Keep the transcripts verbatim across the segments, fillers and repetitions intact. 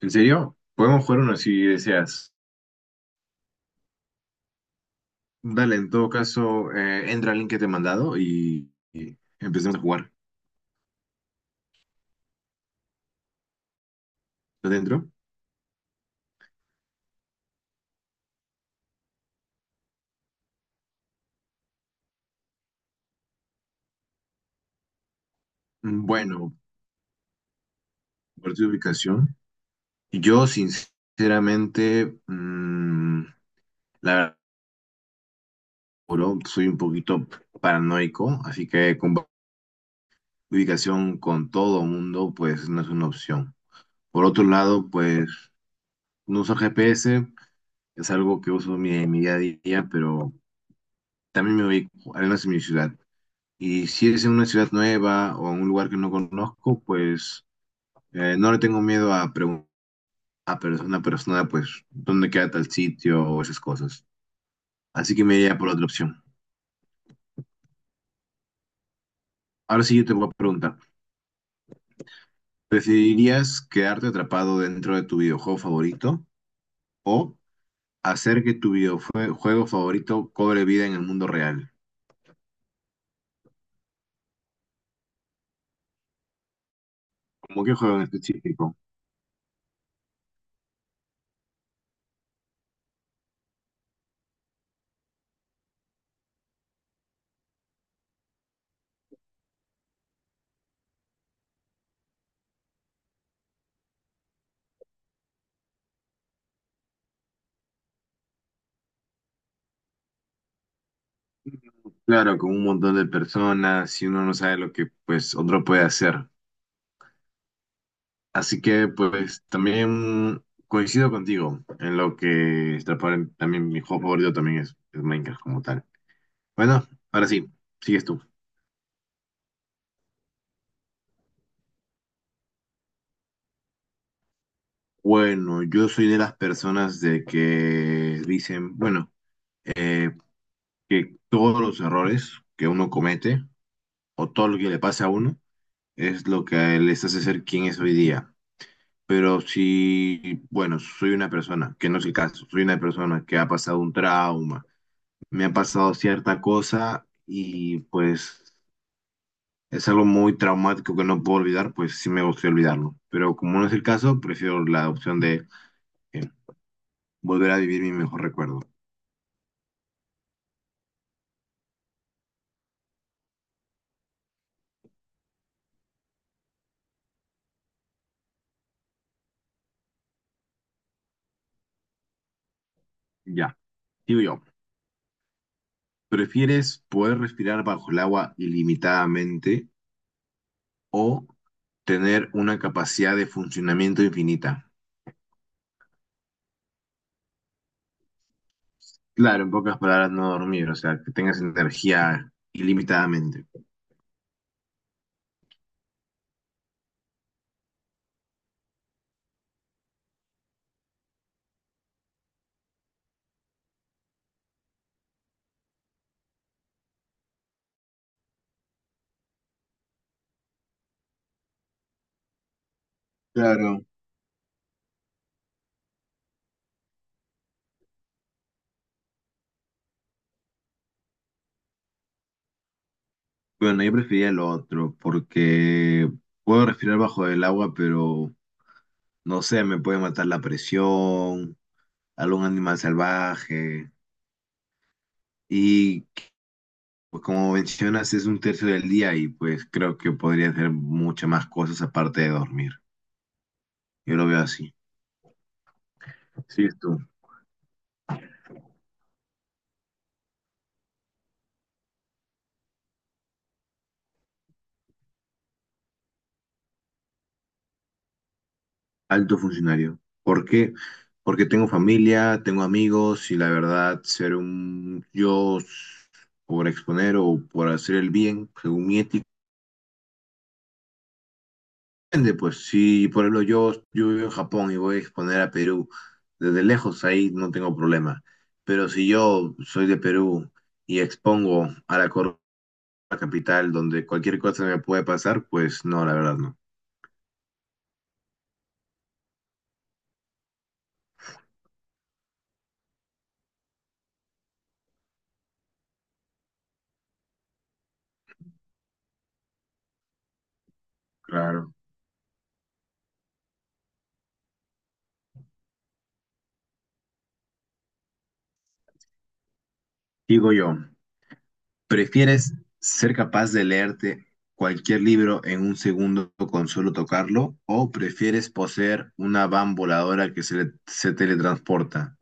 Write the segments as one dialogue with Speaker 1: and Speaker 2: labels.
Speaker 1: ¿En serio? Podemos jugar uno si deseas. Dale, en todo caso, eh, entra al link que te he mandado y, y empecemos a jugar. ¿Está dentro? Mm, bueno, por tu ubicación. Yo, sinceramente, mm, la verdad, juro, soy un poquito paranoico, así que con ubicación con todo mundo, pues no es una opción. Por otro lado, pues no uso G P S, es algo que uso en mi, en mi día a día, pero también me ubico, al menos en mi ciudad. Y si es en una ciudad nueva o en un lugar que no conozco, pues eh, no le tengo miedo a preguntar a persona a persona, pues, dónde queda tal sitio o esas cosas. Así que me iría por la otra opción. Ahora sí yo te voy a preguntar, ¿preferirías quedarte atrapado dentro de tu videojuego favorito o hacer que tu videojuego favorito cobre vida en el mundo real? ¿Cómo qué juego en específico? Claro, con un montón de personas, si uno no sabe lo que pues otro puede hacer. Así que pues también coincido contigo en lo que está por- también mi juego favorito también es, es Minecraft como tal. Bueno, ahora sí, sigues tú. Bueno, yo soy de las personas de que dicen, bueno, eh, que todos los errores que uno comete o todo lo que le pasa a uno es lo que les hace ser quien es hoy día. Pero si, bueno, soy una persona, que no es el caso, soy una persona que ha pasado un trauma me ha pasado cierta cosa y pues es algo muy traumático que no puedo olvidar, pues sí me gustaría olvidarlo. Pero como no es el caso, prefiero la opción de eh, volver a vivir mi mejor recuerdo. Ya, digo yo, ¿prefieres poder respirar bajo el agua ilimitadamente o tener una capacidad de funcionamiento infinita? Claro, en pocas palabras, no dormir, o sea, que tengas energía ilimitadamente. Claro. Bueno, yo prefería lo otro porque puedo respirar bajo el agua, pero no sé, me puede matar la presión, algún animal salvaje. Y pues, como mencionas, es un tercio del día y pues creo que podría hacer muchas más cosas aparte de dormir. Yo lo veo así. Sí, tú, alto funcionario. ¿Por qué? Porque tengo familia, tengo amigos y la verdad, ser un yo s- por exponer o por hacer el bien, según mi ética, depende, pues si por ejemplo yo, yo vivo en Japón y voy a exponer a Perú desde lejos, ahí no tengo problema. Pero si yo soy de Perú y expongo a la Corona Capital donde cualquier cosa me puede pasar, pues no, la verdad no. Claro. Digo yo, ¿prefieres ser capaz de leerte cualquier libro en un segundo con solo tocarlo o prefieres poseer una van voladora que se, le- se teletransporta?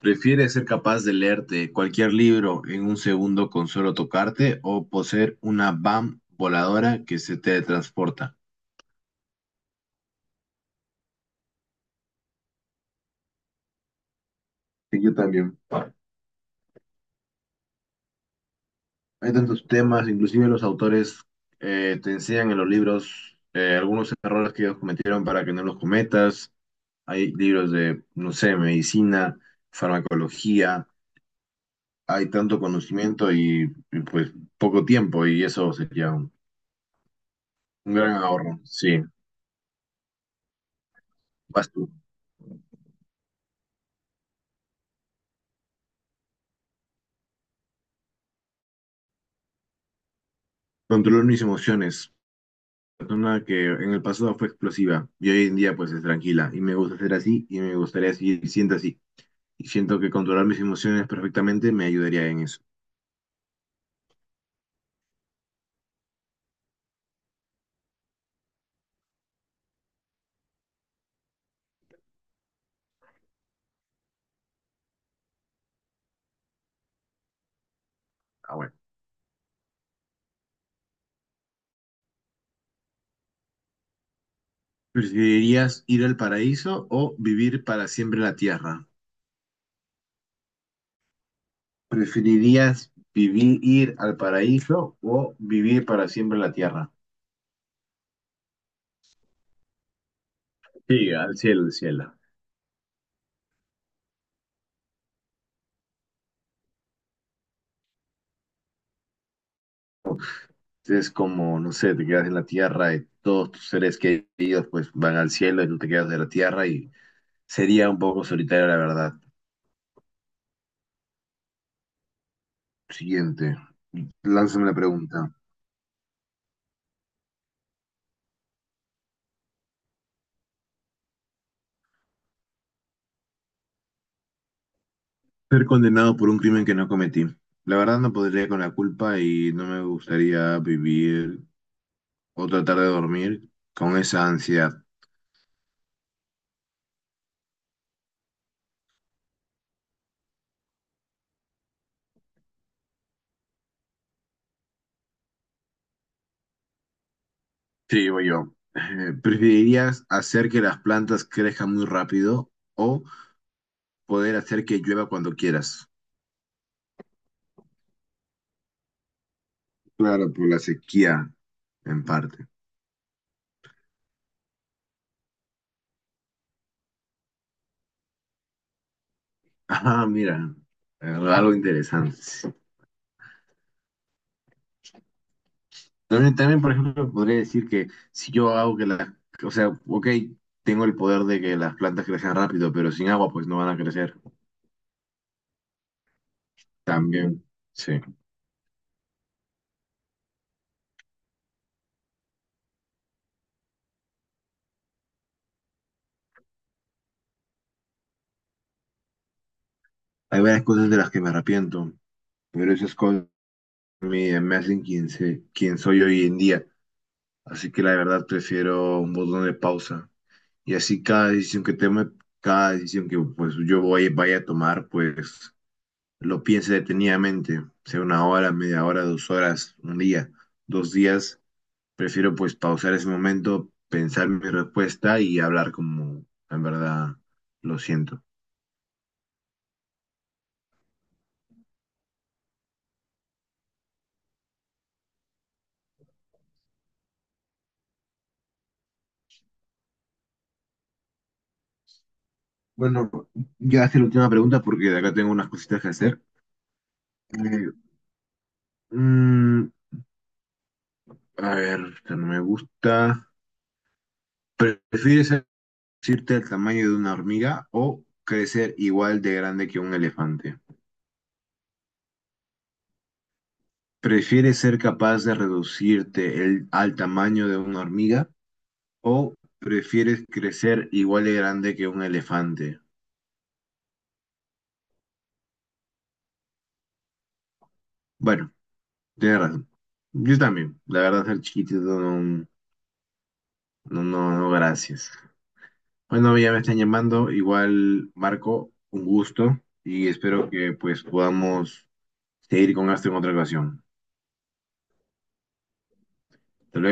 Speaker 1: ¿Prefieres ser capaz de leerte cualquier libro en un segundo con solo tocarte o poseer una B A M voladora que se te transporta? Sí, yo también. Hay tantos temas, inclusive los autores eh, te enseñan en los libros eh, algunos errores que ellos cometieron para que no los cometas. Hay libros de, no sé, medicina, farmacología. Hay tanto conocimiento y, y, pues poco tiempo y eso sería un, un gran ahorro. Sí, vas tú. Controlar mis emociones. Persona que en el pasado fue explosiva y hoy en día pues es tranquila y me gusta ser así y me gustaría seguir siendo así. Y siento que controlar mis emociones perfectamente me ayudaría en eso. Ah, bueno. ¿Preferirías ir al paraíso o vivir para siempre en la tierra? ¿Preferirías vivir ir al paraíso o vivir para siempre en la tierra? Sí, al cielo, al cielo. Es como, no sé, te quedas en la tierra y todos tus seres queridos pues van al cielo y tú te quedas de la tierra y sería un poco solitario, la verdad. Siguiente. Lánzame la pregunta. Ser condenado por un crimen que no cometí. La verdad no podría con la culpa y no me gustaría vivir o tratar de dormir con esa ansiedad. Sí, voy yo. Eh, ¿Preferirías hacer que las plantas crezcan muy rápido o poder hacer que llueva cuando quieras? Claro, por la sequía, en parte. Ah, mira, algo interesante. También, también, por ejemplo, podría decir que si yo hago que las, o sea, ok, tengo el poder de que las plantas crezcan rápido, pero sin agua pues no van a crecer. También, sí. Hay varias cosas de las que me arrepiento, pero esas cosas me, me hacen quien, se, quien soy hoy en día. Así que la verdad prefiero un botón de pausa. Y así cada decisión que tome, cada decisión que pues yo voy, vaya a tomar, pues lo piense detenidamente, sea una hora, media hora, dos horas, un día, dos días. Prefiero pues pausar ese momento, pensar mi respuesta y hablar como en verdad lo siento. Bueno, ya hace la última pregunta porque de acá tengo unas cositas que hacer. Eh, mm, a ver, esta no me gusta. ¿Prefieres reducirte al tamaño de una hormiga o crecer igual de grande que un elefante? ¿Prefieres ser capaz de reducirte el- al tamaño de una hormiga o prefieres crecer igual de grande que un elefante? Bueno. Tienes razón. Yo también. La verdad, el chiquitito no, no, no, no, gracias. Bueno, ya me están llamando. Igual, Marco, un gusto y espero que pues podamos seguir con esto en otra ocasión. Hasta luego.